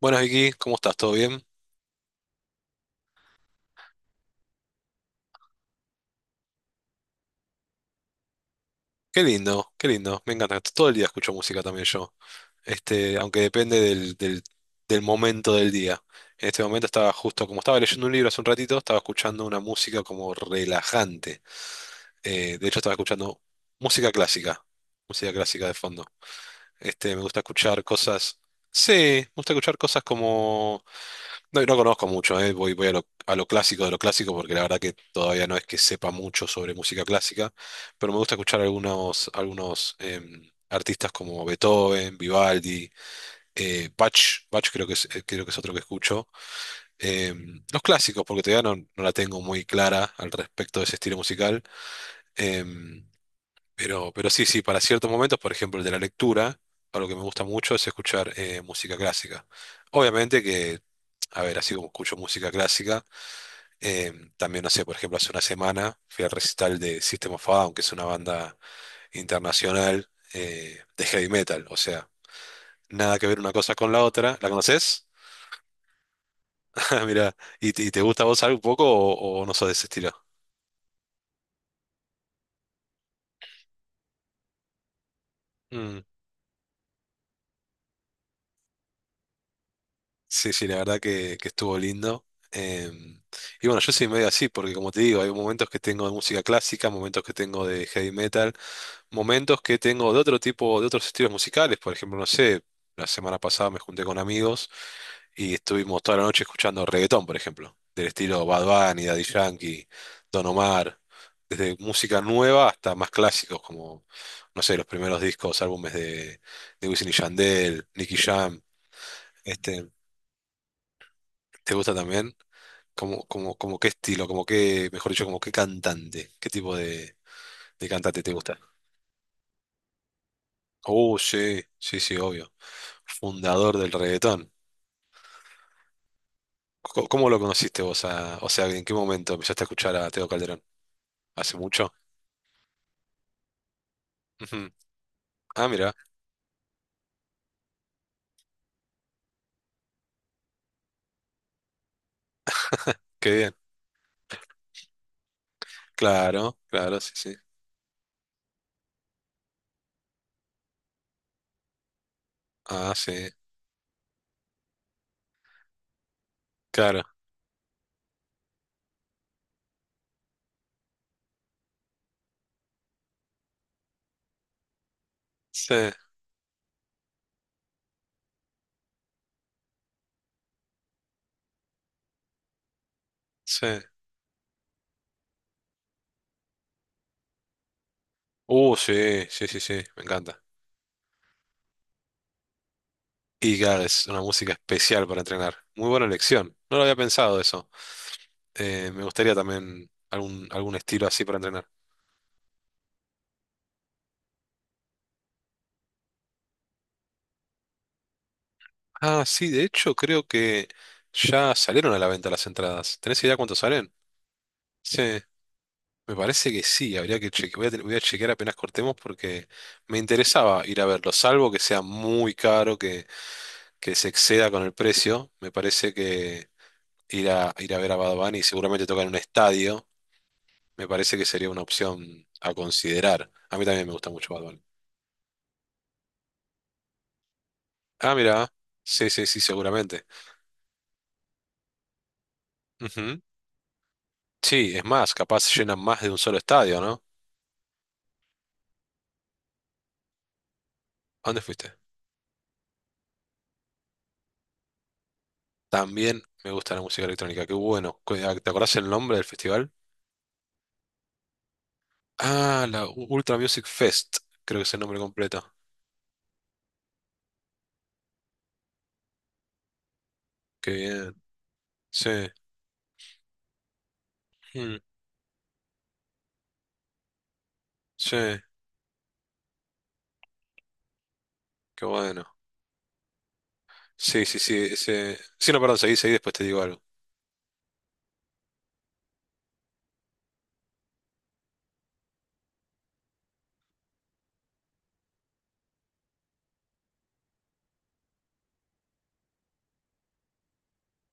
Buenas Vicky, ¿cómo estás? ¿Todo bien? Qué lindo, me encanta. Todo el día escucho música también yo, aunque depende del momento del día. En este momento estaba justo, como estaba leyendo un libro hace un ratito, estaba escuchando una música como relajante. De hecho estaba escuchando música clásica, música clásica de fondo. Me gusta escuchar cosas, sí, me gusta escuchar cosas como no, no conozco mucho, voy, a lo clásico de lo clásico porque la verdad que todavía no es que sepa mucho sobre música clásica, pero me gusta escuchar algunos artistas como Beethoven, Vivaldi, Bach, Bach creo que es otro que escucho. Los clásicos, porque todavía no, no la tengo muy clara al respecto de ese estilo musical, em, pero sí, sí, para ciertos momentos, por ejemplo el de la lectura, algo que me gusta mucho es escuchar música clásica. Obviamente que... A ver, así como escucho música clásica, también, no sé, por ejemplo, hace una semana fui al recital de System of a Down, que es una banda internacional de heavy metal. O sea, nada que ver una cosa con la otra. ¿La conoces? Mira, ¿y te gusta a vos algo un poco o no sos de ese estilo? Mm. Sí, sí, la verdad que estuvo lindo. Y bueno, yo soy medio así, porque como te digo, hay momentos que tengo de música clásica, momentos que tengo de heavy metal, momentos que tengo de otro tipo, de otros estilos musicales. Por ejemplo, no sé, la semana pasada me junté con amigos y estuvimos toda la noche escuchando reggaetón, por ejemplo, del estilo Bad Bunny, Daddy Yankee, Don Omar, desde música nueva hasta más clásicos como, no sé, los primeros discos, álbumes de Wisin y Yandel, Nicky Jam, este, ¿te gusta también? ¿Cómo qué estilo, como qué, mejor dicho, como qué cantante, qué tipo de cantante te gusta? Oh, sí, sí, sí, obvio. Fundador del reggaetón. ¿Cómo lo conociste vos? O sea, ¿en qué momento empezaste a escuchar a Teo Calderón? ¿Hace mucho? Ujú. Ah, mira, qué bien. Claro, claro, sí, sí. Ah, sí, claro. Sí, sí. Sí, sí, sí, sí, me encanta. Y claro, es una música especial para entrenar. Muy buena elección. No lo había pensado eso. Me gustaría también algún estilo así para entrenar. Ah, sí, de hecho creo que ya salieron a la venta las entradas. ¿Tenés idea cuánto salen? Sí, me parece que sí. Habría que chequear. Voy a chequear apenas cortemos porque me interesaba ir a verlo, salvo que sea muy caro, que se exceda con el precio. Me parece que ir a ver a Bad Bunny seguramente toca en un estadio. Me parece que sería una opción a considerar. A mí también me gusta mucho Bad Bunny. Ah, mira. Sí, sí, sí, seguramente. Ujú. Sí, es más, capaz llenan más de un solo estadio, ¿no? ¿A dónde fuiste? También me gusta la música electrónica. Qué bueno. ¿Te acordás el nombre del festival? Ah, la Ultra Music Fest. Creo que es el nombre completo. Qué bien. Sí. Mm. Sí. Qué bueno. Sí, no, perdón, seguí, seguí, después te digo algo.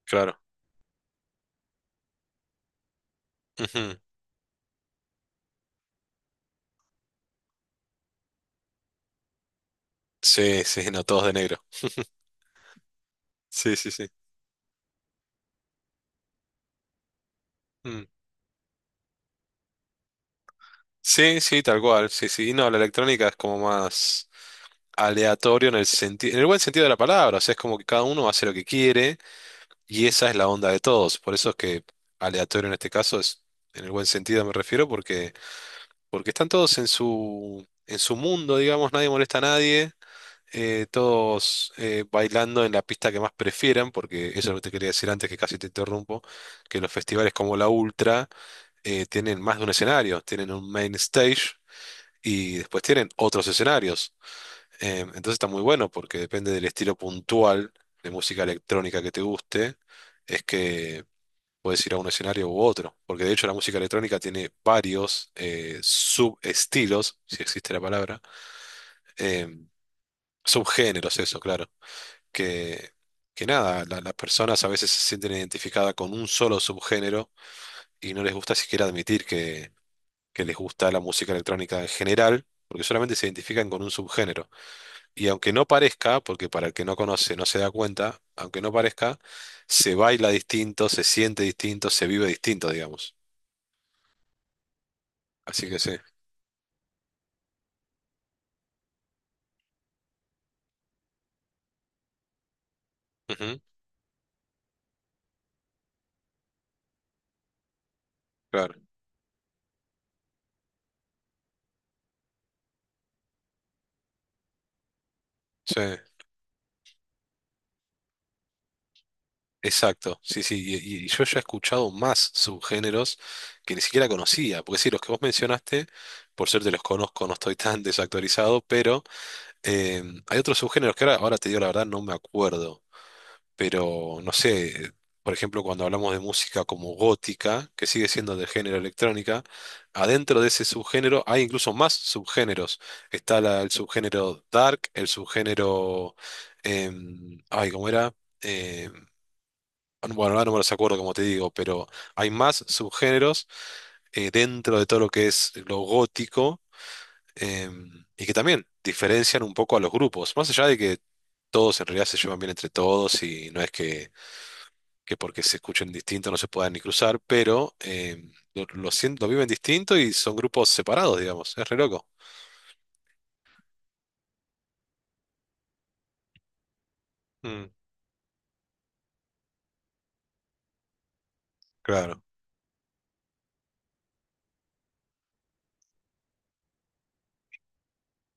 Claro. Ujú. Sí, sí, no, todos de negro. Sí, sí, sí. Mm. Sí, sí, tal cual. Sí, sí. Y no, la electrónica es como más aleatorio en el sentido, en el buen sentido de la palabra. O sea, es como que cada uno hace lo que quiere y esa es la onda de todos. Por eso es que aleatorio en este caso es, en el buen sentido me refiero, porque, porque están todos en su mundo, digamos, nadie molesta a nadie. Todos bailando en la pista que más prefieran, porque eso es lo que te quería decir antes, que casi te interrumpo, que los festivales como la Ultra tienen más de un escenario, tienen un main stage y después tienen otros escenarios. Entonces está muy bueno porque depende del estilo puntual de música electrónica que te guste, es que puedes ir a un escenario u otro, porque de hecho la música electrónica tiene varios subestilos, si existe la palabra, em, subgéneros, eso, claro. que, que nada, las personas a veces se sienten identificadas con un solo subgénero y no les gusta siquiera admitir que les gusta la música electrónica en general, porque solamente se identifican con un subgénero. Y aunque no parezca, porque para el que no conoce no se da cuenta, aunque no parezca, se baila distinto, se siente distinto, se vive distinto, digamos. Así que sí. Ujú, claro. Sí. Exacto, sí, sí, y yo ya he escuchado más subgéneros que ni siquiera conocía, porque sí, los que vos mencionaste, por suerte los conozco, no estoy tan desactualizado, pero hay otros subgéneros que ahora te digo la verdad, no me acuerdo, pero no sé, por ejemplo, cuando hablamos de música como gótica, que sigue siendo de género electrónica, adentro de ese subgénero hay incluso más subgéneros. El subgénero dark, el subgénero, ay, ¿cómo era? Em, bueno, ahora no me los acuerdo, como te digo, pero hay más subgéneros dentro de todo lo que es lo gótico, y que también diferencian un poco a los grupos, más allá de que todos en realidad se llevan bien entre todos y no es que porque se escuchen distinto no se puedan ni cruzar, pero lo viven distinto y son grupos separados, digamos, es re loco. Mm, claro.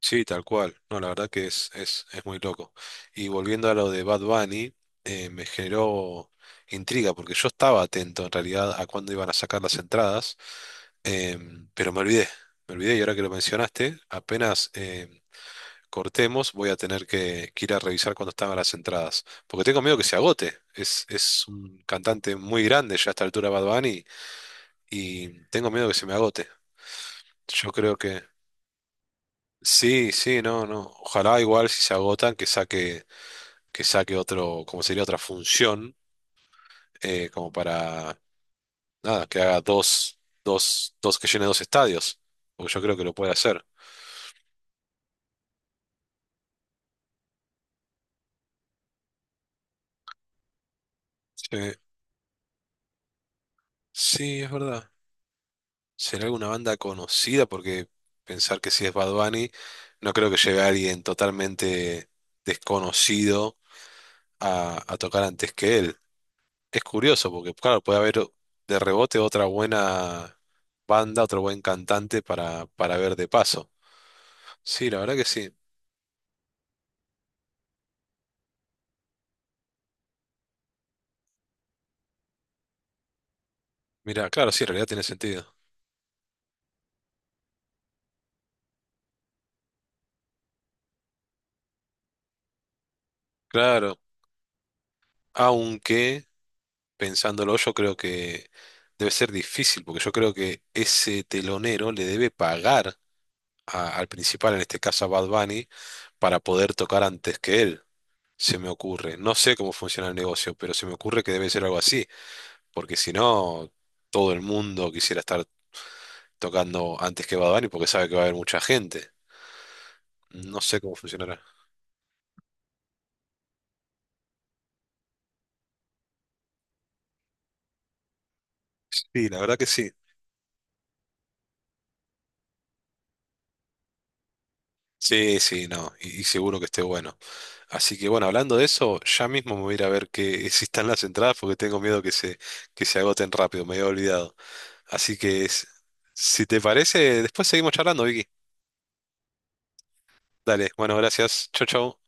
Sí, tal cual. No, la verdad que es muy loco. Y volviendo a lo de Bad Bunny, me generó intriga, porque yo estaba atento en realidad a cuándo iban a sacar las entradas, pero me olvidé y ahora que lo mencionaste, apenas cortemos voy a tener que ir a revisar cuándo estaban las entradas, porque tengo miedo que se agote. Es un cantante muy grande ya a esta altura Bad Bunny y tengo miedo que se me agote. Yo creo que... Sí, sí, no, no. Ojalá igual si se agotan que saque otro, como sería otra función, como para, nada, que haga dos, que llene dos estadios. Porque yo creo que lo puede hacer. Sí, sí, es verdad. ¿Será alguna banda conocida? Porque pensar que si es Bad Bunny, no creo que lleve a alguien totalmente desconocido a tocar antes que él. Es curioso porque, claro, puede haber de rebote otra buena banda, otro buen cantante para ver de paso. Sí, la verdad que sí. Mira, claro, sí, en realidad tiene sentido. Claro, aunque pensándolo yo creo que debe ser difícil porque yo creo que ese telonero le debe pagar al principal, en este caso a Bad Bunny, para poder tocar antes que él. Se me ocurre. No sé cómo funciona el negocio, pero se me ocurre que debe ser algo así, porque si no, todo el mundo quisiera estar tocando antes que Bad Bunny porque sabe que va a haber mucha gente. No sé cómo funcionará. Sí, la verdad que sí. Sí, sí, no, y seguro que esté bueno. Así que bueno, hablando de eso, ya mismo me voy a ir a ver que si están las entradas porque tengo miedo que se agoten rápido, me había olvidado. Así que si te parece, después seguimos charlando, Vicky. Dale, bueno, gracias. Chau, chau.